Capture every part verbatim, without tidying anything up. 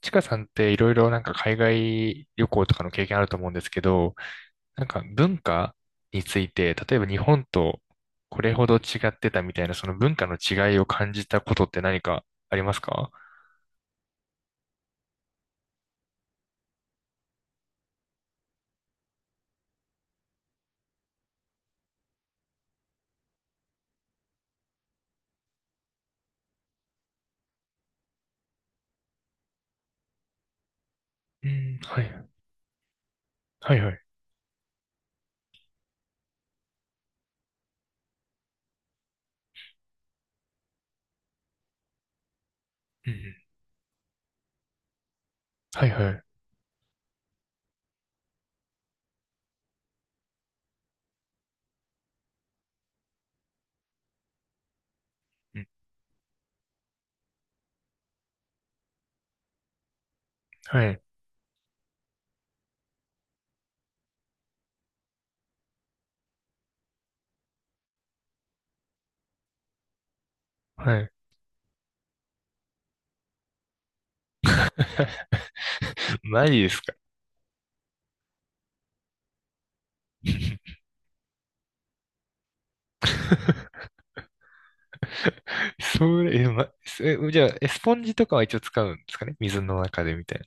ちかさんっていろいろなんか海外旅行とかの経験あると思うんですけど、なんか文化について、例えば日本とこれほど違ってたみたいな、その文化の違いを感じたことって何かありますか？うん、はい、はいはい。うんうん。はいはい。うん、はい、はい。マジですか？ それ、え、ま、え、じゃあ、えスポンジとかは一応使うんですかね水の中でみたいな。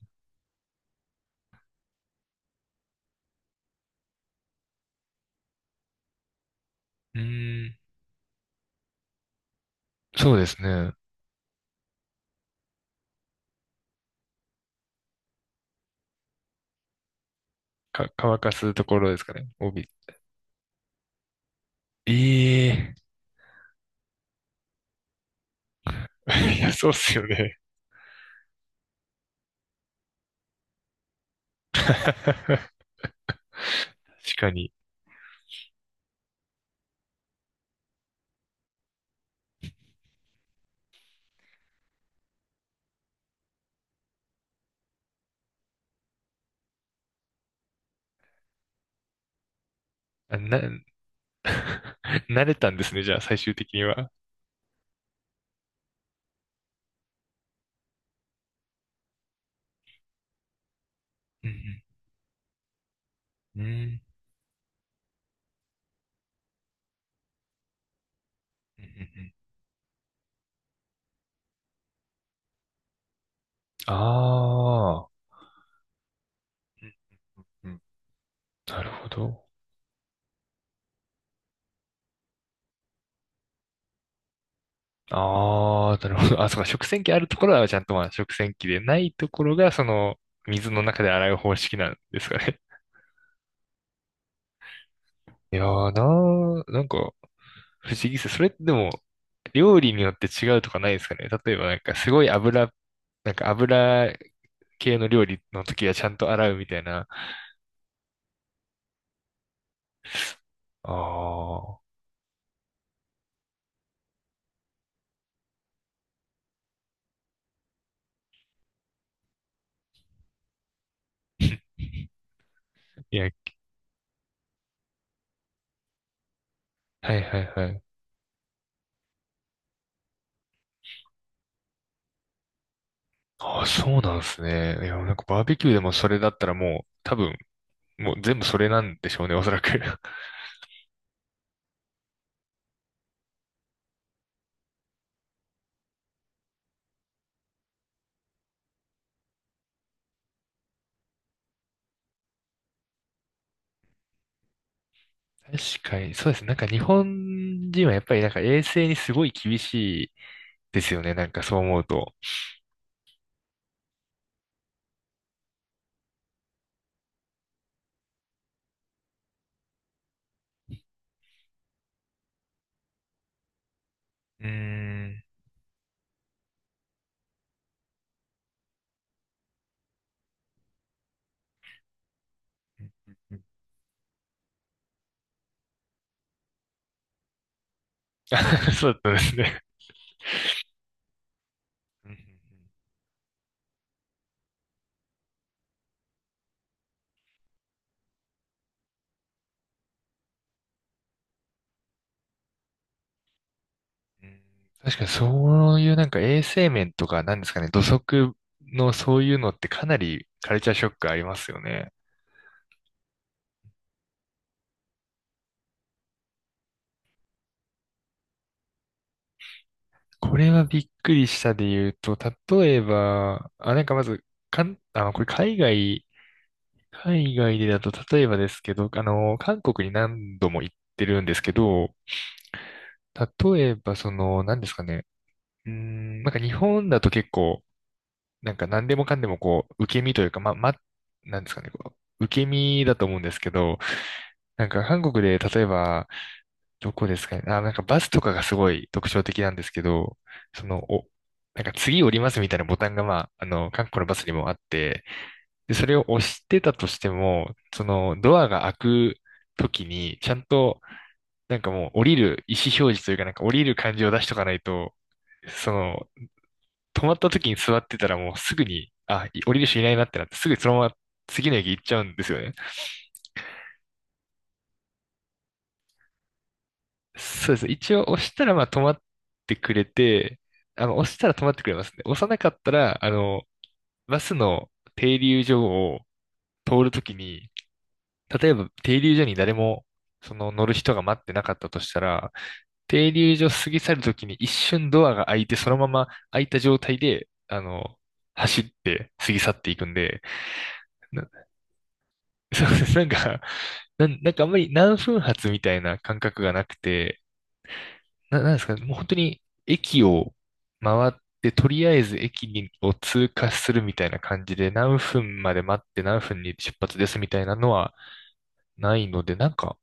うーん、そうですね。か、乾かすところですかね。帯。ええー。 いや、そうっすよね。確かに。あな、慣れたんですね、じゃあ、最終的には。うんうん。うん。うんうん。ああー。うんうん。なるほど。ああ、なるほど。あ、そうか、食洗機あるところはちゃんとまあ食洗機でないところが、その、水の中で洗う方式なんですかね。いやーなー、なんか、不思議です。それってでも、料理によって違うとかないですかね。例えば、なんか、すごい油、なんか油系の料理の時はちゃんと洗うみたいな。ああ。いや、はいはいはい。ああ、そうなんですね。いや、なんかバーベキューでもそれだったらもう、多分、もう全部それなんでしょうね、おそらく。確かに、そうですね。なんか日本人はやっぱりなんか衛生にすごい厳しいですよね。なんかそう思うと。うーん。そうだったんですね。うんうん。うんうん。確かにそういうなんか衛生面とかなんですかね、土足のそういうのってかなりカルチャーショックありますよね。これはびっくりしたで言うと、例えば、あ、なんかまず、かん、あの、これ海外、海外でだと例えばですけど、あの、韓国に何度も行ってるんですけど、例えばその、何ですかね、うーん、なんか日本だと結構、なんか何でもかんでもこう、受け身というか、ま、ま、なんですかね、こう、受け身だと思うんですけど、なんか韓国で例えば、どこですかね、あ、なんかバスとかがすごい特徴的なんですけど、その、お、なんか次降りますみたいなボタンがまあ、あの、韓国のバスにもあって、で、それを押してたとしても、そのドアが開く時に、ちゃんと、なんかもう降りる意思表示というか、なんか降りる感じを出しとかないと、その止まった時に座ってたらもうすぐに、あ、い降りる人いないなってなって、すぐそのまま次の駅行っちゃうんですよね。そうです。一応押したらまあ止まってくれて、あの、押したら止まってくれますね。押さなかったら、あの、バスの停留所を通るときに、例えば停留所に誰も、その乗る人が待ってなかったとしたら、停留所過ぎ去るときに一瞬ドアが開いて、そのまま開いた状態で、あの、走って過ぎ去っていくんで、な そうです。なんか、なん、なんかあんまり何分発みたいな感覚がなくて、な、なんですかね、もう本当に駅を回って、とりあえず駅にを通過するみたいな感じで、何分まで待って何分に出発ですみたいなのはないので、なんか、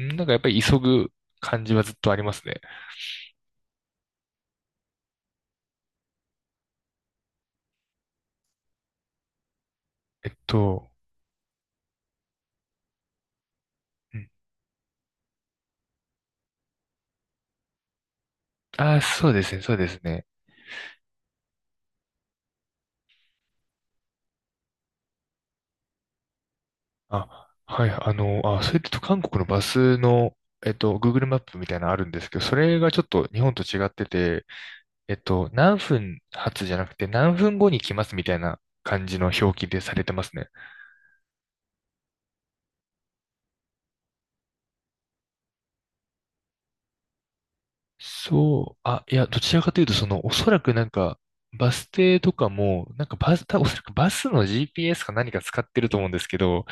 んなんかやっぱり急ぐ感じはずっとありますね。えっと、うん。あ、そうですね、そうですね。あ、はい、あの、あ、それと韓国のバスの、えっと、Google マップみたいなのあるんですけど、それがちょっと日本と違ってて、えっと、何分発じゃなくて何分後に来ますみたいな感じの表記でされてますね。そう、あ、いや、どちらかというと、その、おそらくなんか、バス停とかも、なんかバス、たおそらくバスの ジーピーエス か何か使ってると思うんですけど、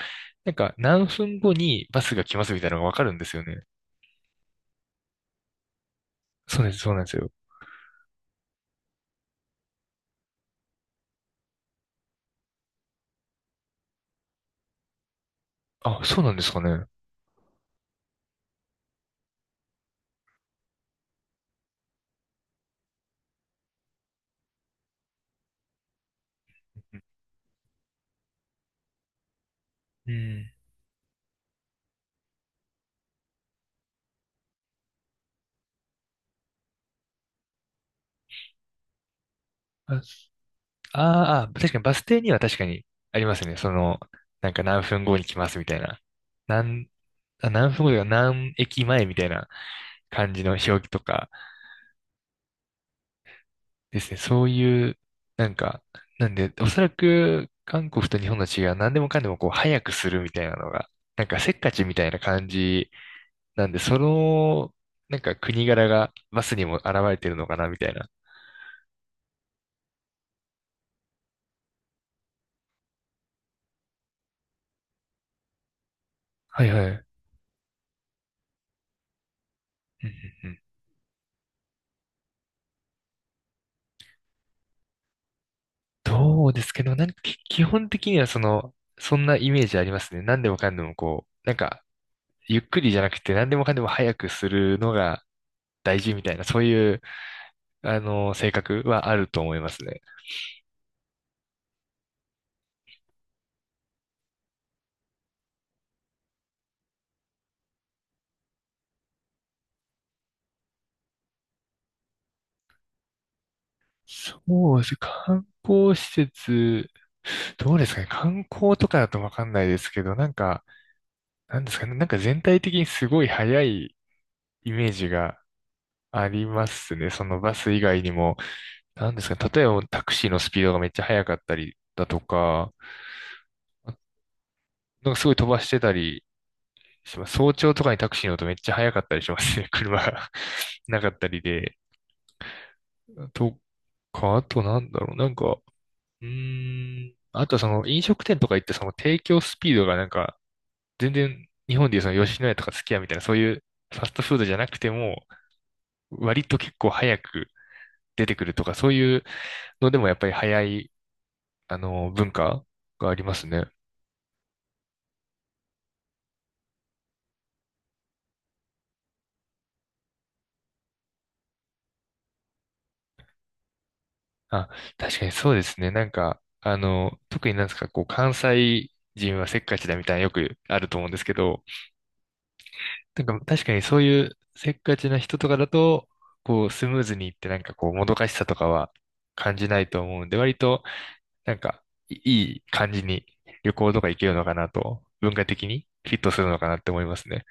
なんか何分後にバスが来ますみたいなのがわかるんですよね。そうです、そうなんですよ。あ、そうなんですかね。うん。ああーあー、確かにバス停には確かにありますね。その、なんか何分後に来ますみたいな。何、あ、何分後というか何駅前みたいな感じの表記とかですね。そういう、なんか、なんで、おそらく韓国と日本の違いは何でもかんでもこう早くするみたいなのが、なんかせっかちみたいな感じなんで、その、なんか国柄がバスにも現れてるのかなみたいな。はいはい。うんうんうん。どうですけど、なんかき基本的にはその、そんなイメージありますね。何でもかんでもこう、なんか、ゆっくりじゃなくて何でもかんでも早くするのが大事みたいな、そういう、あの、性格はあると思いますね。そうですね。観光施設、どうですかね。観光とかだとわかんないですけど、なんか、なんですかね。なんか全体的にすごい早いイメージがありますね。そのバス以外にも。なんですかね。例えばタクシーのスピードがめっちゃ速かったりだとか、あなんかすごい飛ばしてたりします。早朝とかにタクシー乗るとめっちゃ早かったりしますね。車が なかったりで。とか、あとなんだろう。なんか、うーん。あとその飲食店とか行ってその提供スピードがなんか全然日本でいうその吉野家とかすき家みたいなそういうファストフードじゃなくても割と結構早く出てくるとかそういうのでもやっぱり早いあの文化がありますね。あ、確かにそうですね。なんか、あの、特になんですか、こう、関西人はせっかちだみたいなよくあると思うんですけど、なんか確かにそういうせっかちな人とかだと、こう、スムーズにいってなんかこう、もどかしさとかは感じないと思うんで、割と、なんか、いいい感じに旅行とか行けるのかなと、文化的にフィットするのかなって思いますね。